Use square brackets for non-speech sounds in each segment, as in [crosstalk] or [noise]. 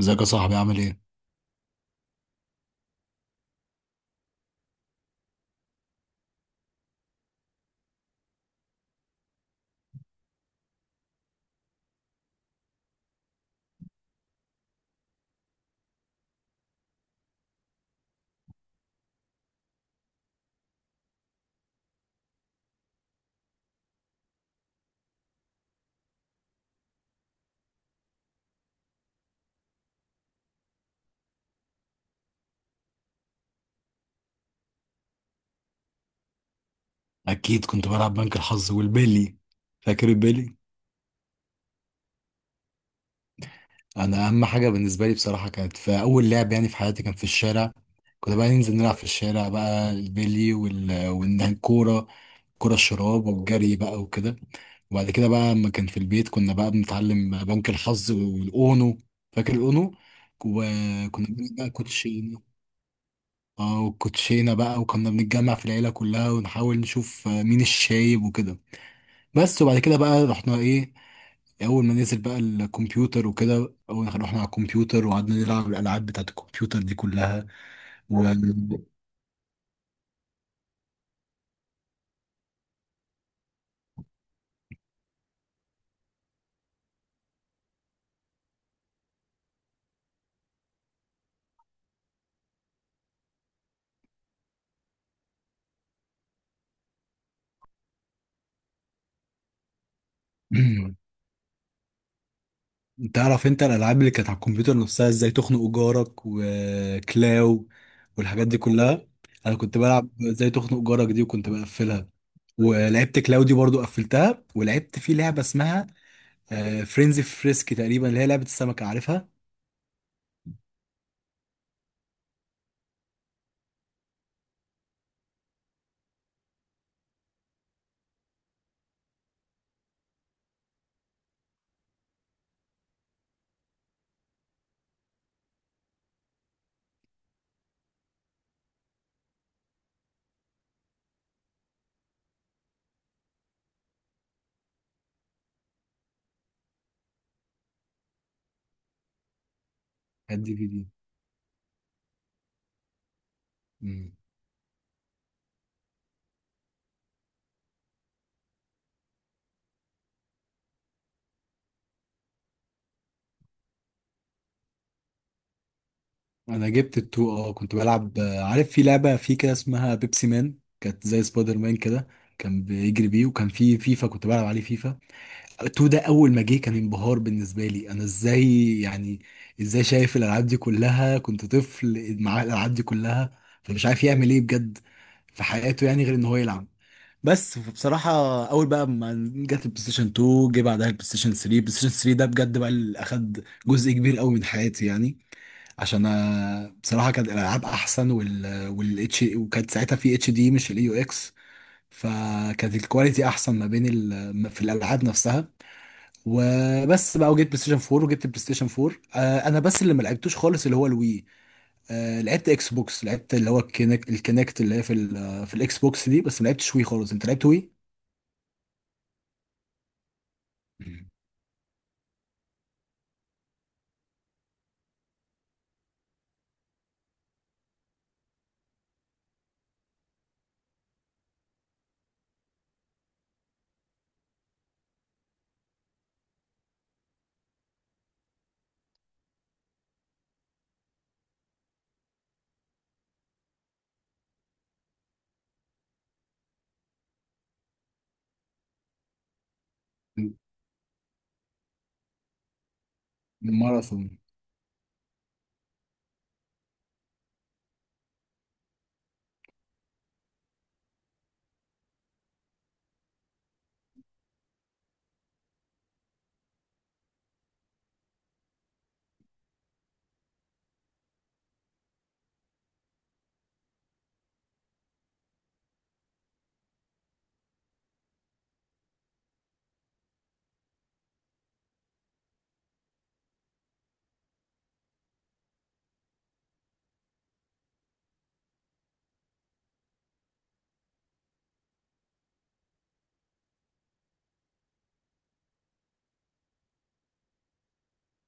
ازيك يا صاحبي؟ عامل ايه؟ اكيد كنت بلعب بنك الحظ والبيلي. فاكر البيلي؟ انا اهم حاجه بالنسبه لي بصراحه كانت في اول لعب يعني في حياتي، كان في الشارع. كنا بقى ننزل نلعب في الشارع بقى البيلي والكوره، كرة الشراب والجري بقى وكده. وبعد كده بقى لما كان في البيت كنا بقى بنتعلم بنك الحظ والاونو. فاكر الاونو؟ وكنا بنجيب بقى كوتشينه. اه وكوتشينه بقى، وكنا بنتجمع في العيله كلها ونحاول نشوف مين الشايب وكده. بس وبعد كده بقى رحنا ايه؟ اول ما نزل بقى الكمبيوتر وكده، اول ما رحنا على الكمبيوتر وقعدنا نلعب الالعاب بتاعت الكمبيوتر دي كلها. و [clears throat] تعرف انت الالعاب اللي كانت على الكمبيوتر نفسها، ازاي تخنق جارك وكلاو والحاجات دي كلها؟ انا كنت بلعب ازاي تخنق جارك دي وكنت بقفلها، ولعبت كلاو دي برضو قفلتها، ولعبت في لعبه اسمها فرينزي فريسك تقريبا اللي هي لعبه السمكه. عارفها؟ كانت دي فيديو. انا جبت التو، اه كنت بلعب عارف في لعبه في كده اسمها بيبسي مان، كانت زي سبايدر مان كده، كان بيجري بيه، وكان في فيفا كنت بلعب عليه فيفا. التو ده اول ما جه كان انبهار بالنسبه لي انا، ازاي يعني؟ ازاي شايف الالعاب دي كلها؟ كنت طفل مع الالعاب دي كلها فمش عارف يعمل ايه بجد في حياته يعني غير ان هو يلعب. بس بصراحة أول بقى ما جت البلاي ستيشن 2، جه بعدها البلاي ستيشن 3. البلاي ستيشن 3 ده بجد بقى اللي أخد جزء كبير قوي من حياتي يعني. عشان بصراحه كانت الالعاب احسن، والاتش، وكانت ساعتها في اتش دي مش الاي يو اكس، فكانت الكواليتي احسن ما بين في الالعاب نفسها. وبس بقى. وجبت بلاي ستيشن 4، آه انا بس اللي ما لعبتوش خالص اللي هو الوي. آه لعبت اكس بوكس، لعبت اللي هو الكينكت، الكينكت اللي هي في في الاكس بوكس دي، بس ما لعبتش وي خالص. انت لعبت وي. مم. ماراثون.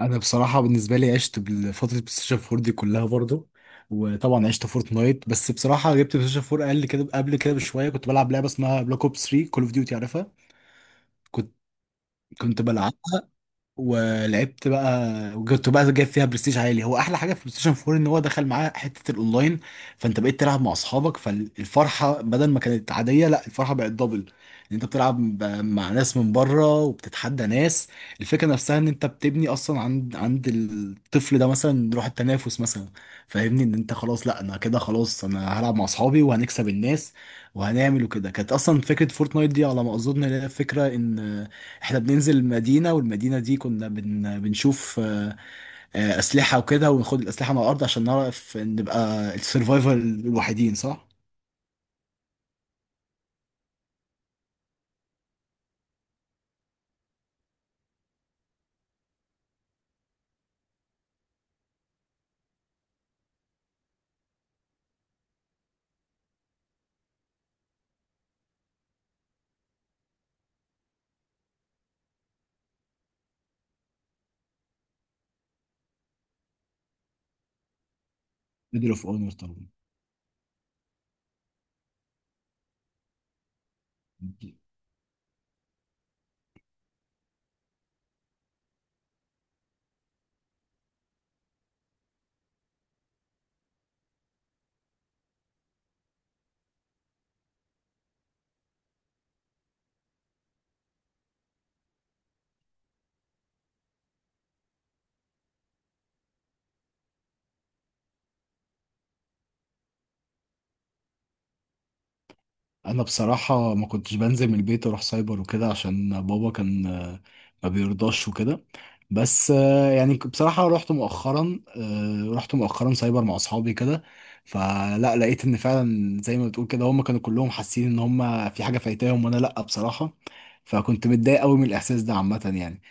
انا بصراحه بالنسبه لي عشت بفتره بلاي ستيشن 4 دي كلها برضو، وطبعا عشت فورتنايت. بس بصراحه جبت بلاي ستيشن 4 اقل كده، قبل كده بشويه كنت بلعب لعبه اسمها بلاك اوب 3 كول اوف ديوتي. عارفها؟ كنت كنت بلعب ولعبت بقى، وكنت بقى جايب فيها برستيج عالي. هو احلى حاجه في بلاي ستيشن 4 ان هو دخل معاه حته الاونلاين، فانت بقيت تلعب مع اصحابك، فالفرحه بدل ما كانت عاديه لا الفرحه بقت دبل، ان انت بتلعب مع ناس من بره وبتتحدى ناس. الفكره نفسها ان انت بتبني اصلا عند الطفل ده مثلا روح التنافس مثلا. فاهمني؟ ان انت خلاص لا انا كده خلاص، انا هلعب مع اصحابي وهنكسب الناس وهنعمل وكده. كانت اصلا فكره فورتنايت دي على ما اظن إن هي فكره ان احنا بننزل المدينة، والمدينة دي كنا بنشوف أسلحة وكده، وناخد الأسلحة من الأرض عشان نعرف نبقى السرفايفر الوحيدين، صح؟ ميدل اوف اونر طبعا. انا بصراحه ما كنتش بنزل من البيت اروح سايبر وكده، عشان بابا كان ما بيرضاش وكده. بس يعني بصراحه رحت مؤخرا، رحت مؤخرا سايبر مع اصحابي كده، فلا لقيت ان فعلا زي ما بتقول كده هم كانوا كلهم حاسين ان هم في حاجه فايتاهم وانا لا بصراحه، فكنت متضايق قوي من الاحساس ده عامه يعني.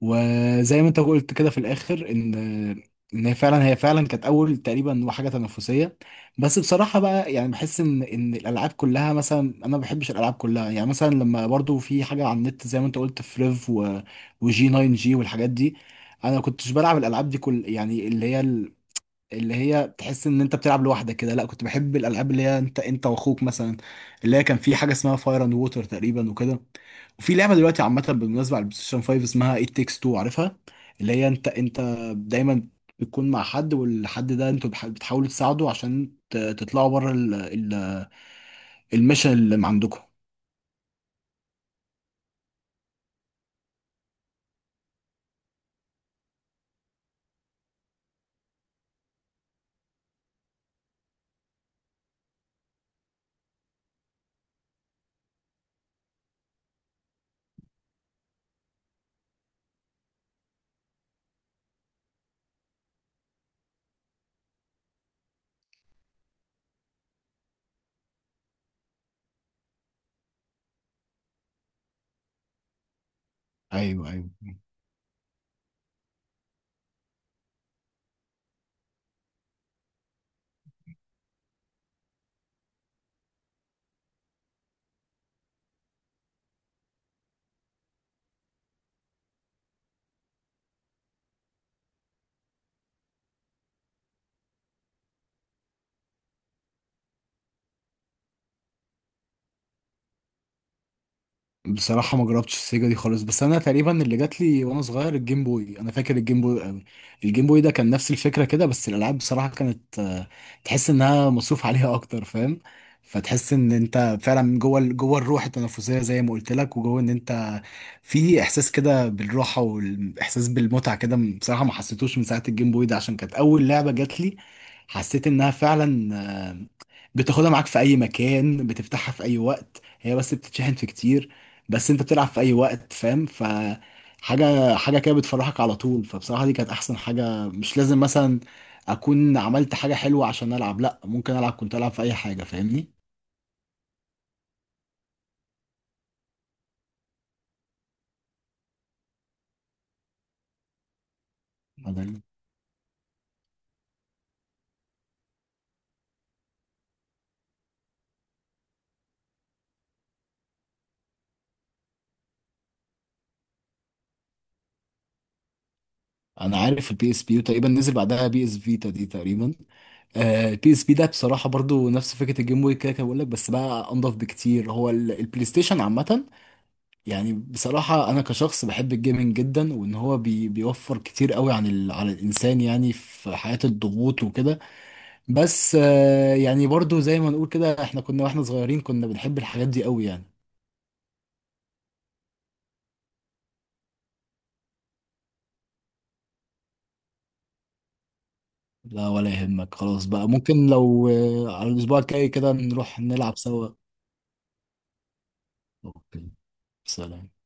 وزي ما انت قلت كده في الاخر ان هي فعلا كانت اول تقريبا حاجه تنافسيه. بس بصراحه بقى يعني بحس ان الالعاب كلها مثلا انا ما بحبش الالعاب كلها يعني، مثلا لما برضو في حاجه على النت زي ما انت قلت، فريف وجي 9 جي والحاجات دي، انا ما كنتش بلعب الالعاب دي كل يعني اللي هي تحس ان انت بتلعب لوحدك كده. لا كنت بحب الالعاب اللي هي انت واخوك مثلا، اللي هي كان في حاجه اسمها فاير اند ووتر تقريبا وكده. وفي لعبه دلوقتي عامه بالمناسبه على البلايستيشن 5 اسمها ايت تيكس 2، عارفها؟ اللي هي انت دايما بتكون مع حد، والحد ده انتوا بتحاولوا تساعده عشان تطلعوا بره الميشن اللي عندكم. ايوه ايوه. بصراحة ما جربتش السيجا دي خالص، بس أنا تقريبا اللي جات لي وأنا صغير الجيم بوي، أنا فاكر الجيم بوي قوي. الجيم بوي ده كان نفس الفكرة كده، بس الألعاب بصراحة كانت تحس إنها مصروف عليها أكتر، فاهم؟ فتحس إن أنت فعلا جوه جوه الروح التنافسية زي ما قلت لك، وجوه إن أنت في إحساس كده بالراحة والإحساس بالمتعة كده. بصراحة ما حسيتوش من ساعة الجيم بوي ده، عشان كانت أول لعبة جات لي، حسيت إنها فعلا بتاخدها معاك في اي مكان، بتفتحها في اي وقت، هي بس بتتشحن في كتير، بس انت بتلعب في اي وقت، فاهم؟ ف حاجه كده بتفرحك على طول، فبصراحه دي كانت احسن حاجه. مش لازم مثلا اكون عملت حاجه حلوه عشان العب، لا ممكن العب، كنت العب في اي حاجه، فاهمني؟ انا انا عارف البي اس بي، وتقريبا نزل بعدها بي اس فيتا دي تقريبا. البي اس بي ده بصراحه برضو نفس فكره الجيم بوي كده كده بقول لك، بس بقى انضف بكتير، هو البلاي ستيشن عامه يعني. بصراحة أنا كشخص بحب الجيمنج جدا، وإن هو بي بيوفر كتير قوي عن على الإنسان يعني في حياة الضغوط وكده. بس يعني برضو زي ما نقول كده، إحنا كنا وإحنا صغيرين كنا بنحب الحاجات دي قوي يعني. لا ولا يهمك، خلاص بقى ممكن لو على الأسبوع الجاي كده نروح نلعب سوا. أوكي. سلام.